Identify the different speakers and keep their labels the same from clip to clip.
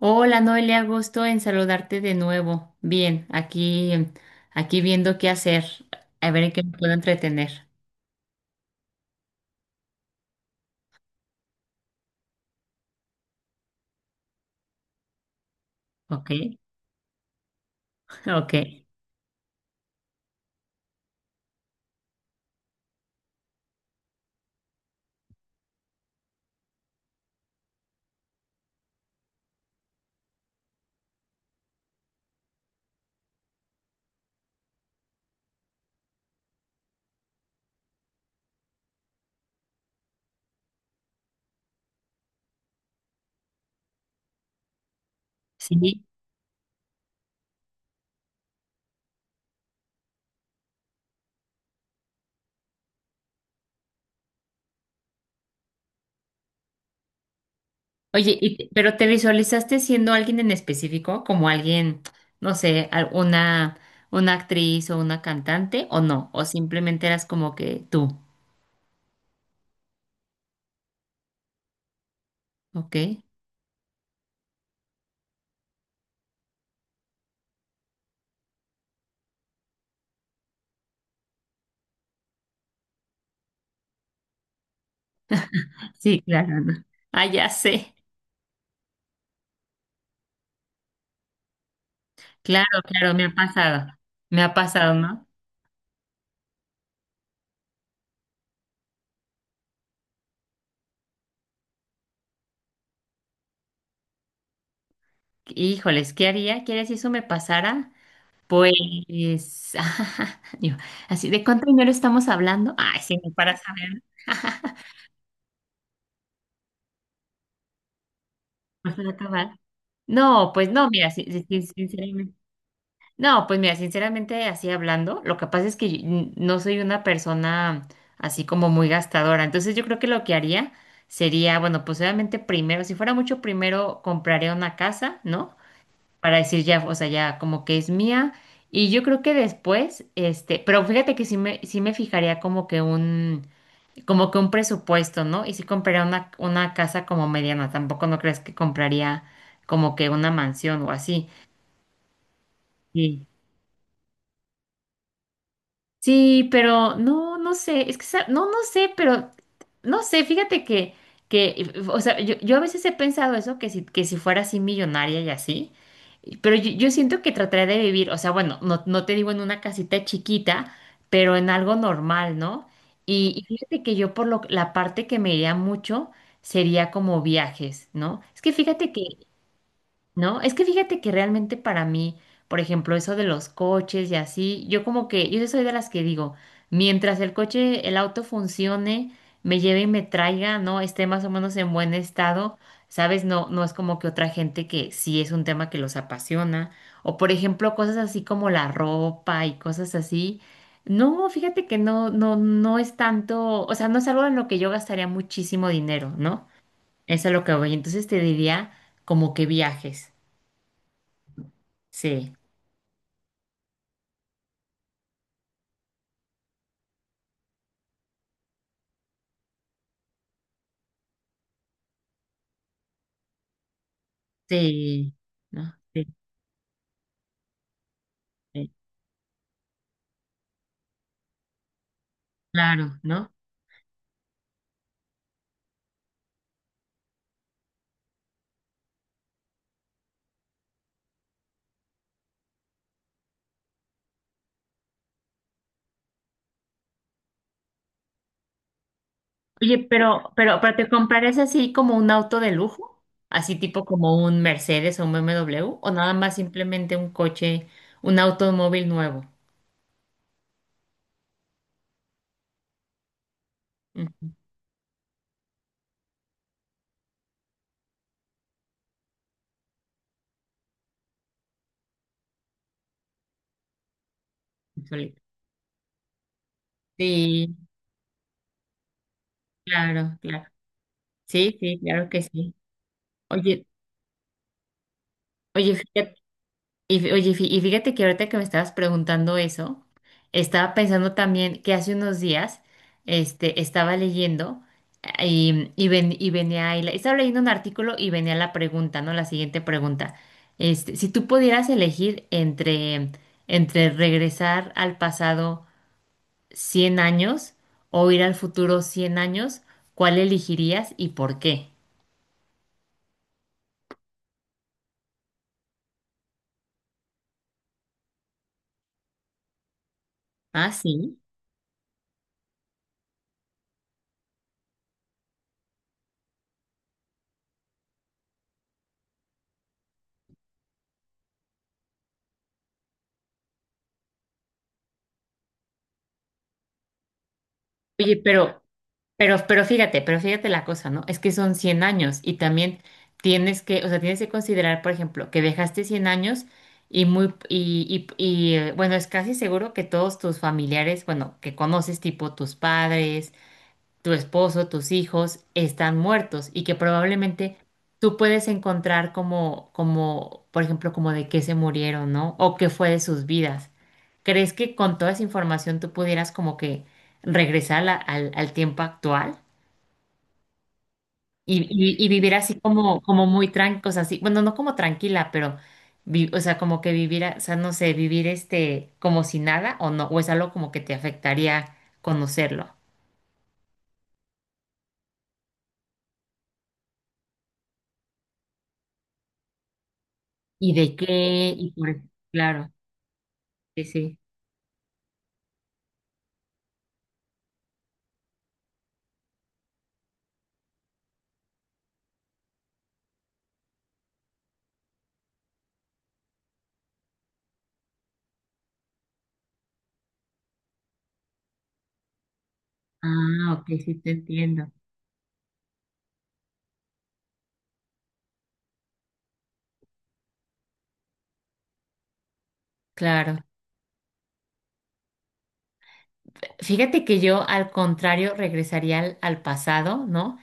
Speaker 1: Hola Noelia, gusto en saludarte de nuevo. Bien, aquí, aquí viendo qué hacer, a ver en qué me puedo entretener. Ok, ok, sí. Oye, pero ¿te visualizaste siendo alguien en específico, como alguien, no sé, una actriz o una cantante o no? ¿O simplemente eras como que tú? Ok. Sí, claro, ¿no? Ah, ya sé. Claro, claro, me ha pasado. Me ha pasado, ¿no? Híjoles, ¿qué haría? ¿Quieres si eso me pasara? Pues, yo, así, ¿de cuánto dinero estamos hablando? Ay, sí, no, para saber, no se va a acabar. No, pues no, mira, sí, sí, sí, sinceramente. No, pues mira, sinceramente, así hablando, lo que pasa es que yo, no soy una persona así como muy gastadora. Entonces, yo creo que lo que haría sería, bueno, pues obviamente primero, si fuera mucho, primero compraría una casa, ¿no? Para decir ya, o sea, ya como que es mía. Y yo creo que después, este, pero fíjate que sí me fijaría como que un presupuesto, ¿no? Y sí compraría una casa como mediana, tampoco no crees que compraría como que una mansión o así. Sí. Sí, pero no, no sé, no, no sé, pero no sé, fíjate que, o sea, yo a veces he pensado eso, que si fuera así millonaria y así, pero yo siento que trataré de vivir, o sea, bueno, no, no te digo en una casita chiquita, pero en algo normal, ¿no? Y fíjate que yo por lo, la parte que me iría mucho sería como viajes, ¿no? Es que fíjate que ¿no? Es que fíjate que realmente para mí, por ejemplo, eso de los coches y así, yo como que, yo soy de las que digo, mientras el coche, el auto funcione, me lleve y me traiga, ¿no? Esté más o menos en buen estado, ¿sabes? No, no es como que otra gente que sí es un tema que los apasiona, o por ejemplo, cosas así como la ropa y cosas así. No, fíjate que no, no, no es tanto, o sea, no es algo en lo que yo gastaría muchísimo dinero, ¿no? Eso es a lo que voy. Entonces te diría como que viajes. Sí, sí, ¿no? Sí, sí, claro, ¿no? Oye, pero ¿te comprarías así como un auto de lujo? Así tipo como un Mercedes o un BMW, o nada más simplemente un coche, un automóvil nuevo. Ujú, solito. Sí, claro, claro. Sí, sí, claro que sí. Oye, oye, fíjate. Y, oye, y fíjate que ahorita que me estabas preguntando eso, estaba pensando también que hace unos días este, estaba leyendo y, y venía ahí estaba leyendo un artículo y venía la pregunta, ¿no? La siguiente pregunta. Este, si tú pudieras elegir entre, entre regresar al pasado 100 años o ir al futuro 100 años, ¿cuál elegirías y por qué? Ah, sí. Oye, pero... pero fíjate la cosa, ¿no? Es que son 100 años y también tienes que, o sea, tienes que considerar, por ejemplo, que dejaste 100 años y muy, y, bueno, es casi seguro que todos tus familiares, bueno, que conoces, tipo tus padres, tu esposo, tus hijos, están muertos y que probablemente tú puedes encontrar como, como, por ejemplo, como de qué se murieron, ¿no? O qué fue de sus vidas. ¿Crees que con toda esa información tú pudieras como que regresar a al tiempo actual? Y, y vivir así como, como muy tranquila, o sea, así, bueno, no como tranquila, pero, o sea, como que vivir, o sea, no sé, vivir este, como si nada o no, o es algo como que te afectaría conocerlo. ¿Y de qué? Y por, claro, sí, sí. Ah, ok, sí te entiendo. Claro. Fíjate que yo, al contrario, regresaría al, al pasado, ¿no?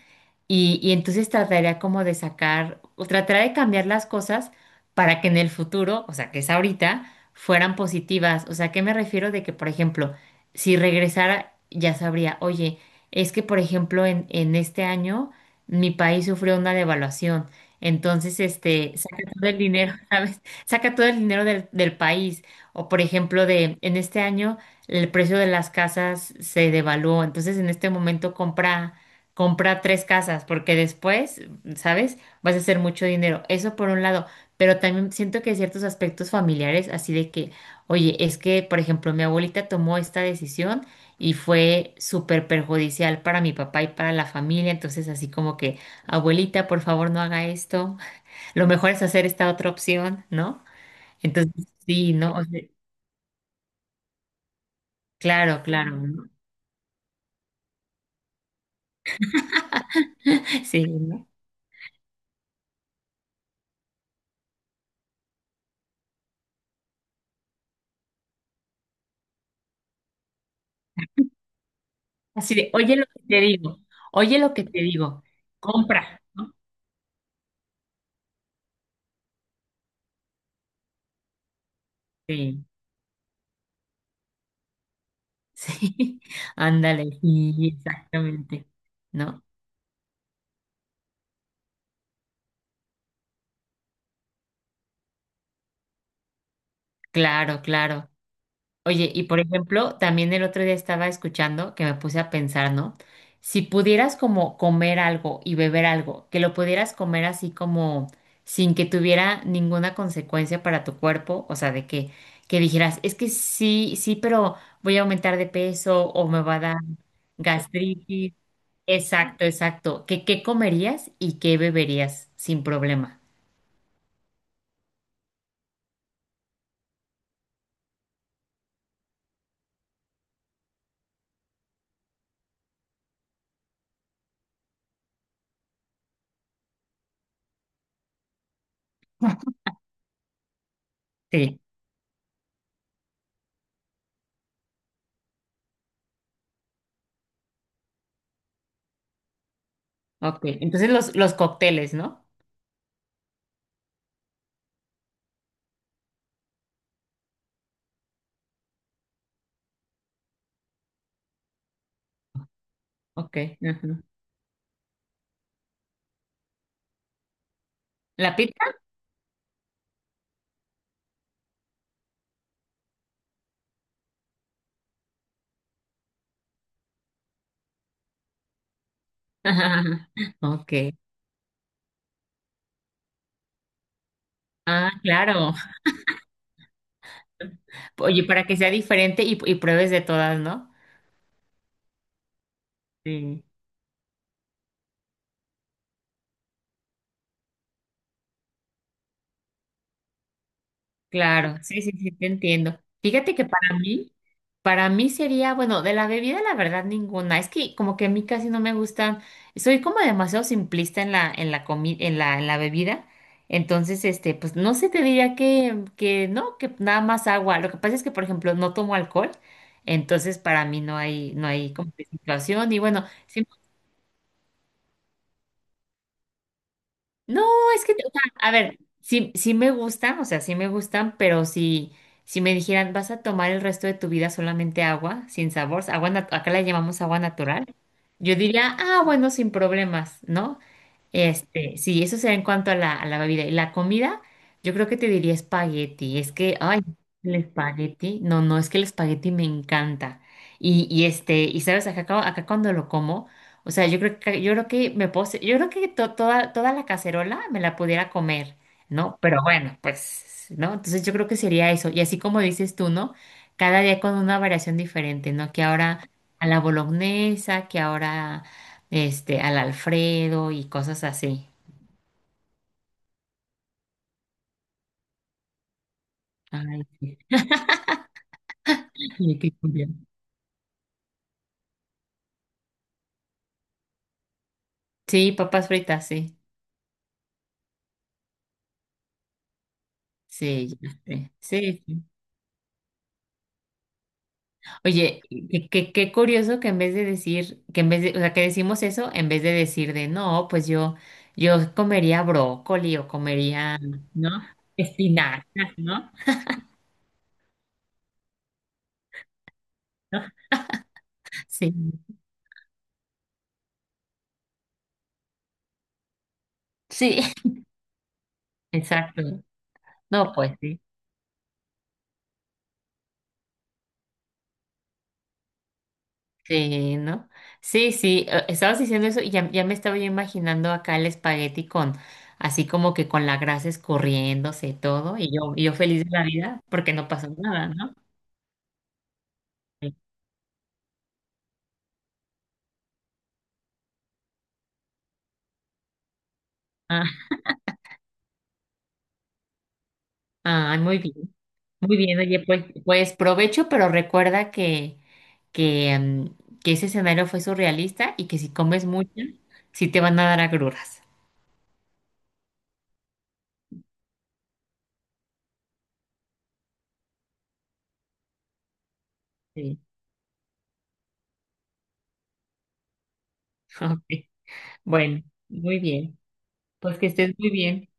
Speaker 1: Y entonces trataría como de sacar, o trataría de cambiar las cosas para que en el futuro, o sea, que es ahorita, fueran positivas. O sea, ¿qué me refiero de que, por ejemplo, si regresara, ya sabría, oye, es que, por ejemplo, en este año mi país sufrió una devaluación. Entonces, este, saca todo el dinero, ¿sabes? Saca todo el dinero del, del país. O, por ejemplo, de, en este año el precio de las casas se devaluó. Entonces, en este momento compra comprar tres casas, porque después, ¿sabes? Vas a hacer mucho dinero. Eso por un lado, pero también siento que hay ciertos aspectos familiares, así de que, oye, es que, por ejemplo, mi abuelita tomó esta decisión y fue súper perjudicial para mi papá y para la familia, entonces así como que, abuelita, por favor, no haga esto, lo mejor es hacer esta otra opción, ¿no? Entonces, sí, ¿no? O sea, claro, claro, ¿no? Sí, ¿no? Así de, oye lo que te digo, oye lo que te digo, compra, ¿no? Sí. Sí, ándale, sí, exactamente. No, claro, claro. Oye, y por ejemplo, también el otro día estaba escuchando que me puse a pensar, ¿no? Si pudieras como comer algo y beber algo, que lo pudieras comer así como sin que tuviera ninguna consecuencia para tu cuerpo, o sea, de que dijeras, es que sí, sí, pero voy a aumentar de peso o me va a dar gastritis. Exacto, exacto. ¿Qué, qué comerías y qué beberías sin problema? Sí, ok. Entonces los cócteles, ¿no? Ok. Ajá. ¿La pizza? Ajá, ajá, ajá. Ok. Ah, claro. Oye, para que sea diferente y pruebes de todas, ¿no? Sí. Claro, sí, sí, sí, te entiendo. Fíjate que para mí, para mí sería, bueno, de la bebida la verdad ninguna. Es que como que a mí casi no me gustan. Soy como demasiado simplista en la en la en la bebida. Entonces, este, pues no sé, te diría que no, que nada más agua. Lo que pasa es que, por ejemplo, no tomo alcohol. Entonces, para mí no hay no hay como que situación y bueno, no, es que, o sea, a ver, sí, sí me gustan, o sea, sí me gustan, pero si, si me dijeran, vas a tomar el resto de tu vida solamente agua, sin sabor, acá la llamamos agua natural, yo diría, ah, bueno, sin problemas, ¿no? Este, sí, eso será en cuanto a la bebida. Y la comida, yo creo que te diría espagueti. Es que, ay, el espagueti. No, no, es que el espagueti me encanta. Y este, y sabes, acá, acá cuando lo como, o sea, yo creo que me puedo, yo creo que toda, toda la cacerola me la pudiera comer, ¿no? Pero bueno, pues, ¿no? Entonces yo creo que sería eso. Y así como dices tú, ¿no? Cada día con una variación diferente, ¿no? Que ahora a la bolognesa, que ahora este, al Alfredo y cosas así. Ay, sí. Ay, qué curioso. Sí, papas fritas, sí. Sí, ya sé. Sí, sí. Oye, qué, qué curioso que en vez de decir, que en vez de, o sea, que decimos eso, en vez de decir de no, pues yo comería brócoli o comería, ¿no? Espinacas, ¿no? Sí, sí, exacto. No, pues sí. Sí, ¿no? Sí, sí, estabas diciendo eso y ya, ya me estaba yo imaginando acá el espagueti con, así como que con la grasa escurriéndose y todo, y yo feliz de la vida porque no pasó nada, ¿no? Sí. Ah, ay, muy bien, oye, pues, pues provecho, pero recuerda que, que ese escenario fue surrealista y que si comes mucho, sí te van a dar agruras. Sí, ok, bueno, muy bien, pues que estés muy bien.